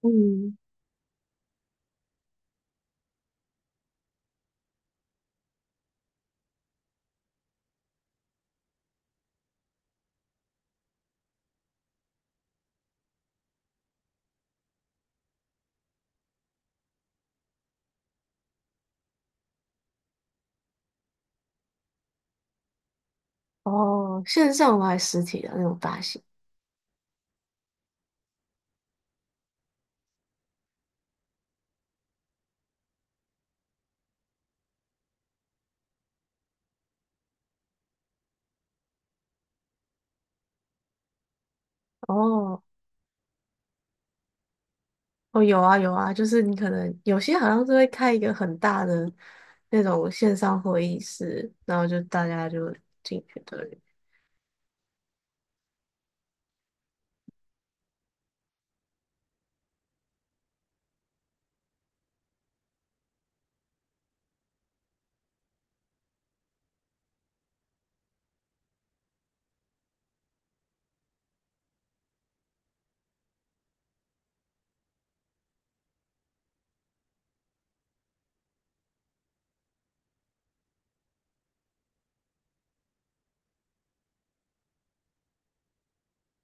嗯。哦，线上还是实体的那种发型？哦，哦，有啊有啊，就是你可能有些好像是会开一个很大的那种线上会议室，然后就大家就进去对。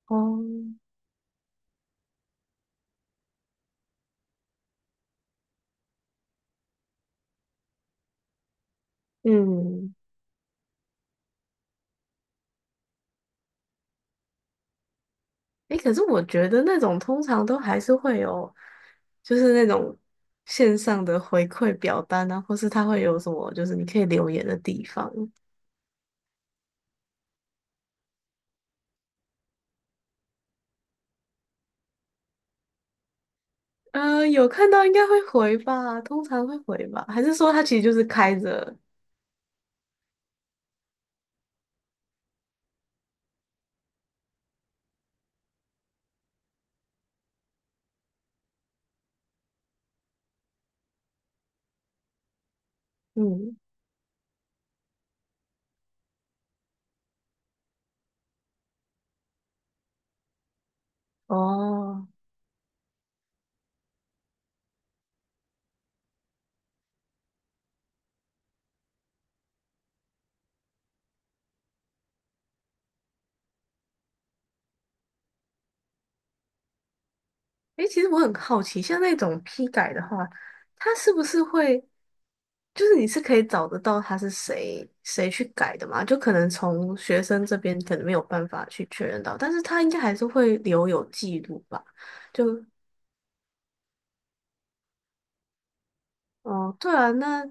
哦。嗯，诶，可是我觉得那种通常都还是会有，就是那种线上的回馈表单啊，或是他会有什么，就是你可以留言的地方。嗯，有看到应该会回吧，通常会回吧，还是说他其实就是开着？嗯。哦。诶，其实我很好奇，像那种批改的话，他是不是会，就是你是可以找得到他是谁谁去改的嘛？就可能从学生这边可能没有办法去确认到，但是他应该还是会留有记录吧？就，哦，对啊，那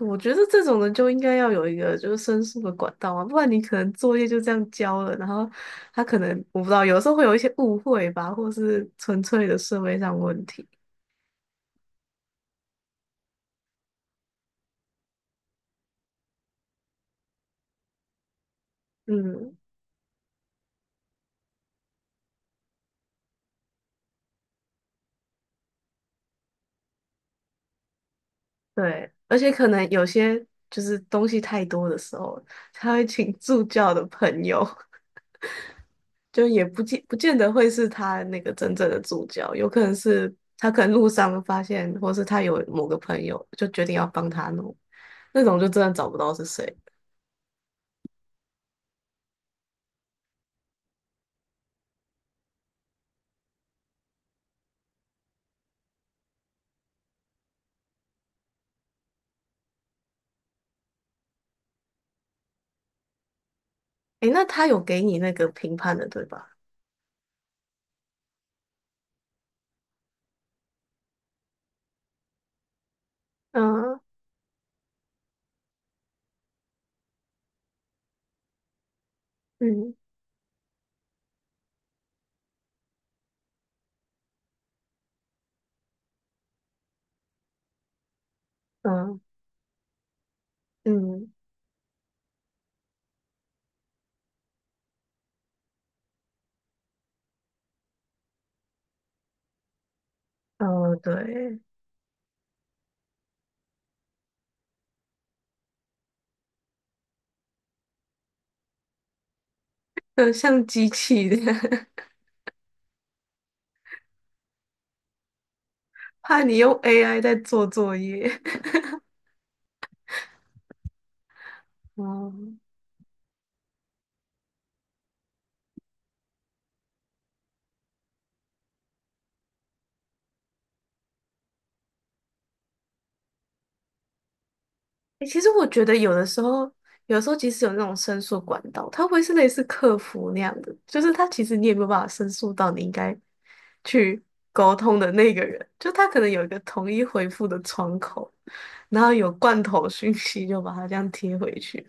我觉得这种人就应该要有一个就是申诉的管道啊，不然你可能作业就这样交了，然后他可能我不知道，有时候会有一些误会吧，或是纯粹的社会上问题。嗯，对，而且可能有些就是东西太多的时候，他会请助教的朋友，就也不见得会是他那个真正的助教，有可能是他可能路上发现，或是他有某个朋友就决定要帮他弄，那种就真的找不到是谁。诶，那他有给你那个评判的，对吧？嗯嗯嗯嗯嗯，对，就像机器的，怕你用 AI 在做作业。哦，欸其实我觉得有的时候，有的时候即使有那种申诉管道，它会是类似客服那样的，就是它其实你也没有办法申诉到你应该去沟通的那个人，就他可能有一个统一回复的窗口，然后有罐头讯息就把它这样贴回去。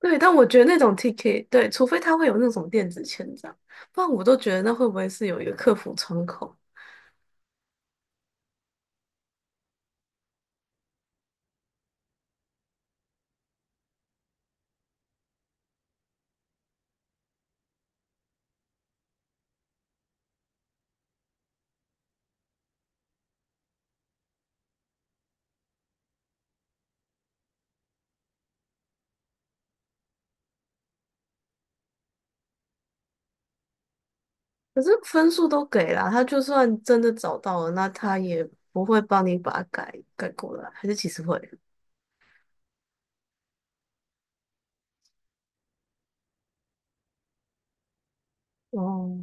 对，但我觉得那种 t k 对，除非他会有那种电子签章，不然我都觉得那会不会是有一个客服窗口？可是分数都给了，他就算真的找到了，那他也不会帮你把它改改过来，还是其实会？哦。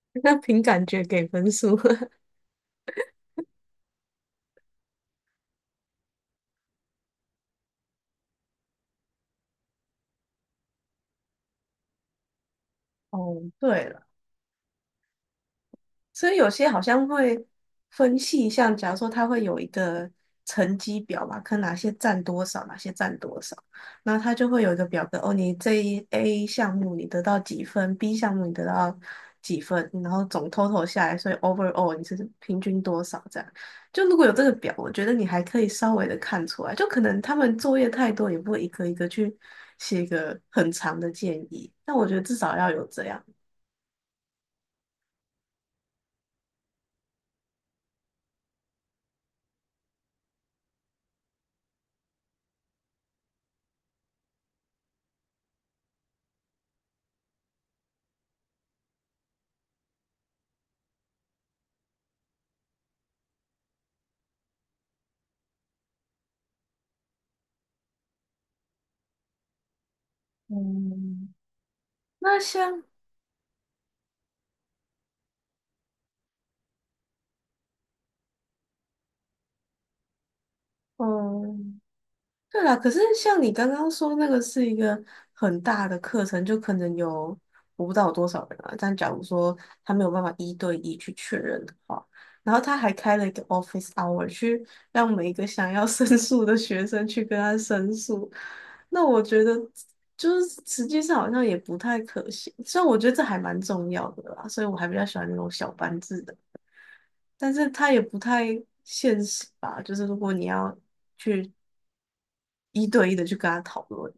那凭感觉给分数。哦，对了。所以有些好像会分细项，假如说它会有一个成绩表嘛，看哪些占多少，哪些占多少，然后它就会有一个表格，哦，你这一 A 项目你得到几分，B 项目你得到几分，然后总 total 下来，所以 overall 你是平均多少这样。就如果有这个表，我觉得你还可以稍微的看出来，就可能他们作业太多，也不会一个一个去写一个很长的建议，但我觉得至少要有这样。嗯。那像哦，对啦，可是像你刚刚说那个是一个很大的课程，就可能有我不知道有多少人啊。但假如说他没有办法一对一去确认的话，然后他还开了一个 office hour 去让每一个想要申诉的学生去跟他申诉，那我觉得就是实际上好像也不太可行。虽然我觉得这还蛮重要的啦，所以我还比较喜欢那种小班制的。但是它也不太现实吧？就是如果你要一对一的去跟他讨论。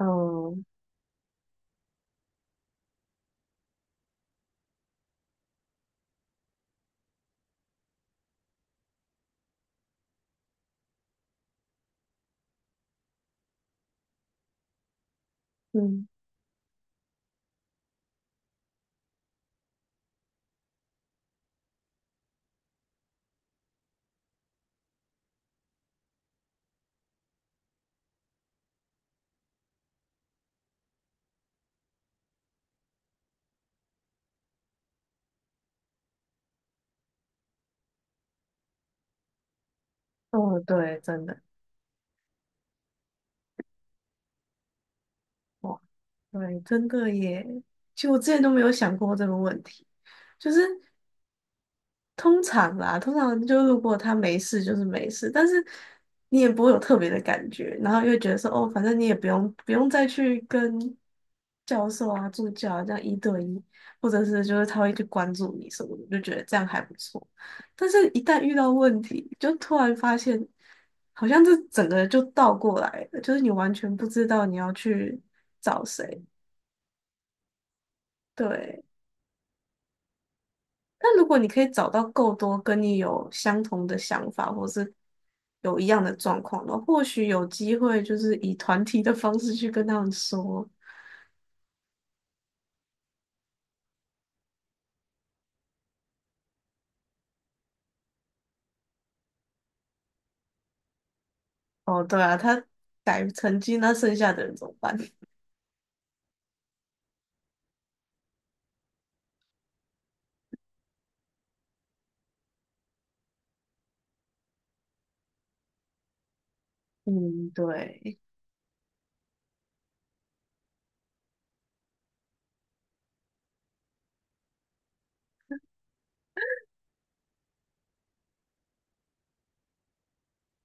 嗯嗯哦，对，真的哇，对，真的耶。其实我之前都没有想过这个问题，就是通常啦，通常就如果他没事就是没事，但是你也不会有特别的感觉，然后又觉得说哦，反正你也不用再去跟教授啊、助教啊这样一对一，或者是就是他会去关注你什么的，就觉得这样还不错。但是，一旦遇到问题，就突然发现好像这整个就倒过来了，就是你完全不知道你要去找谁。对，那如果你可以找到够多跟你有相同的想法，或是有一样的状况那或许有机会就是以团体的方式去跟他们说。哦，对啊，他改成绩，那剩下的人怎么办？嗯，对。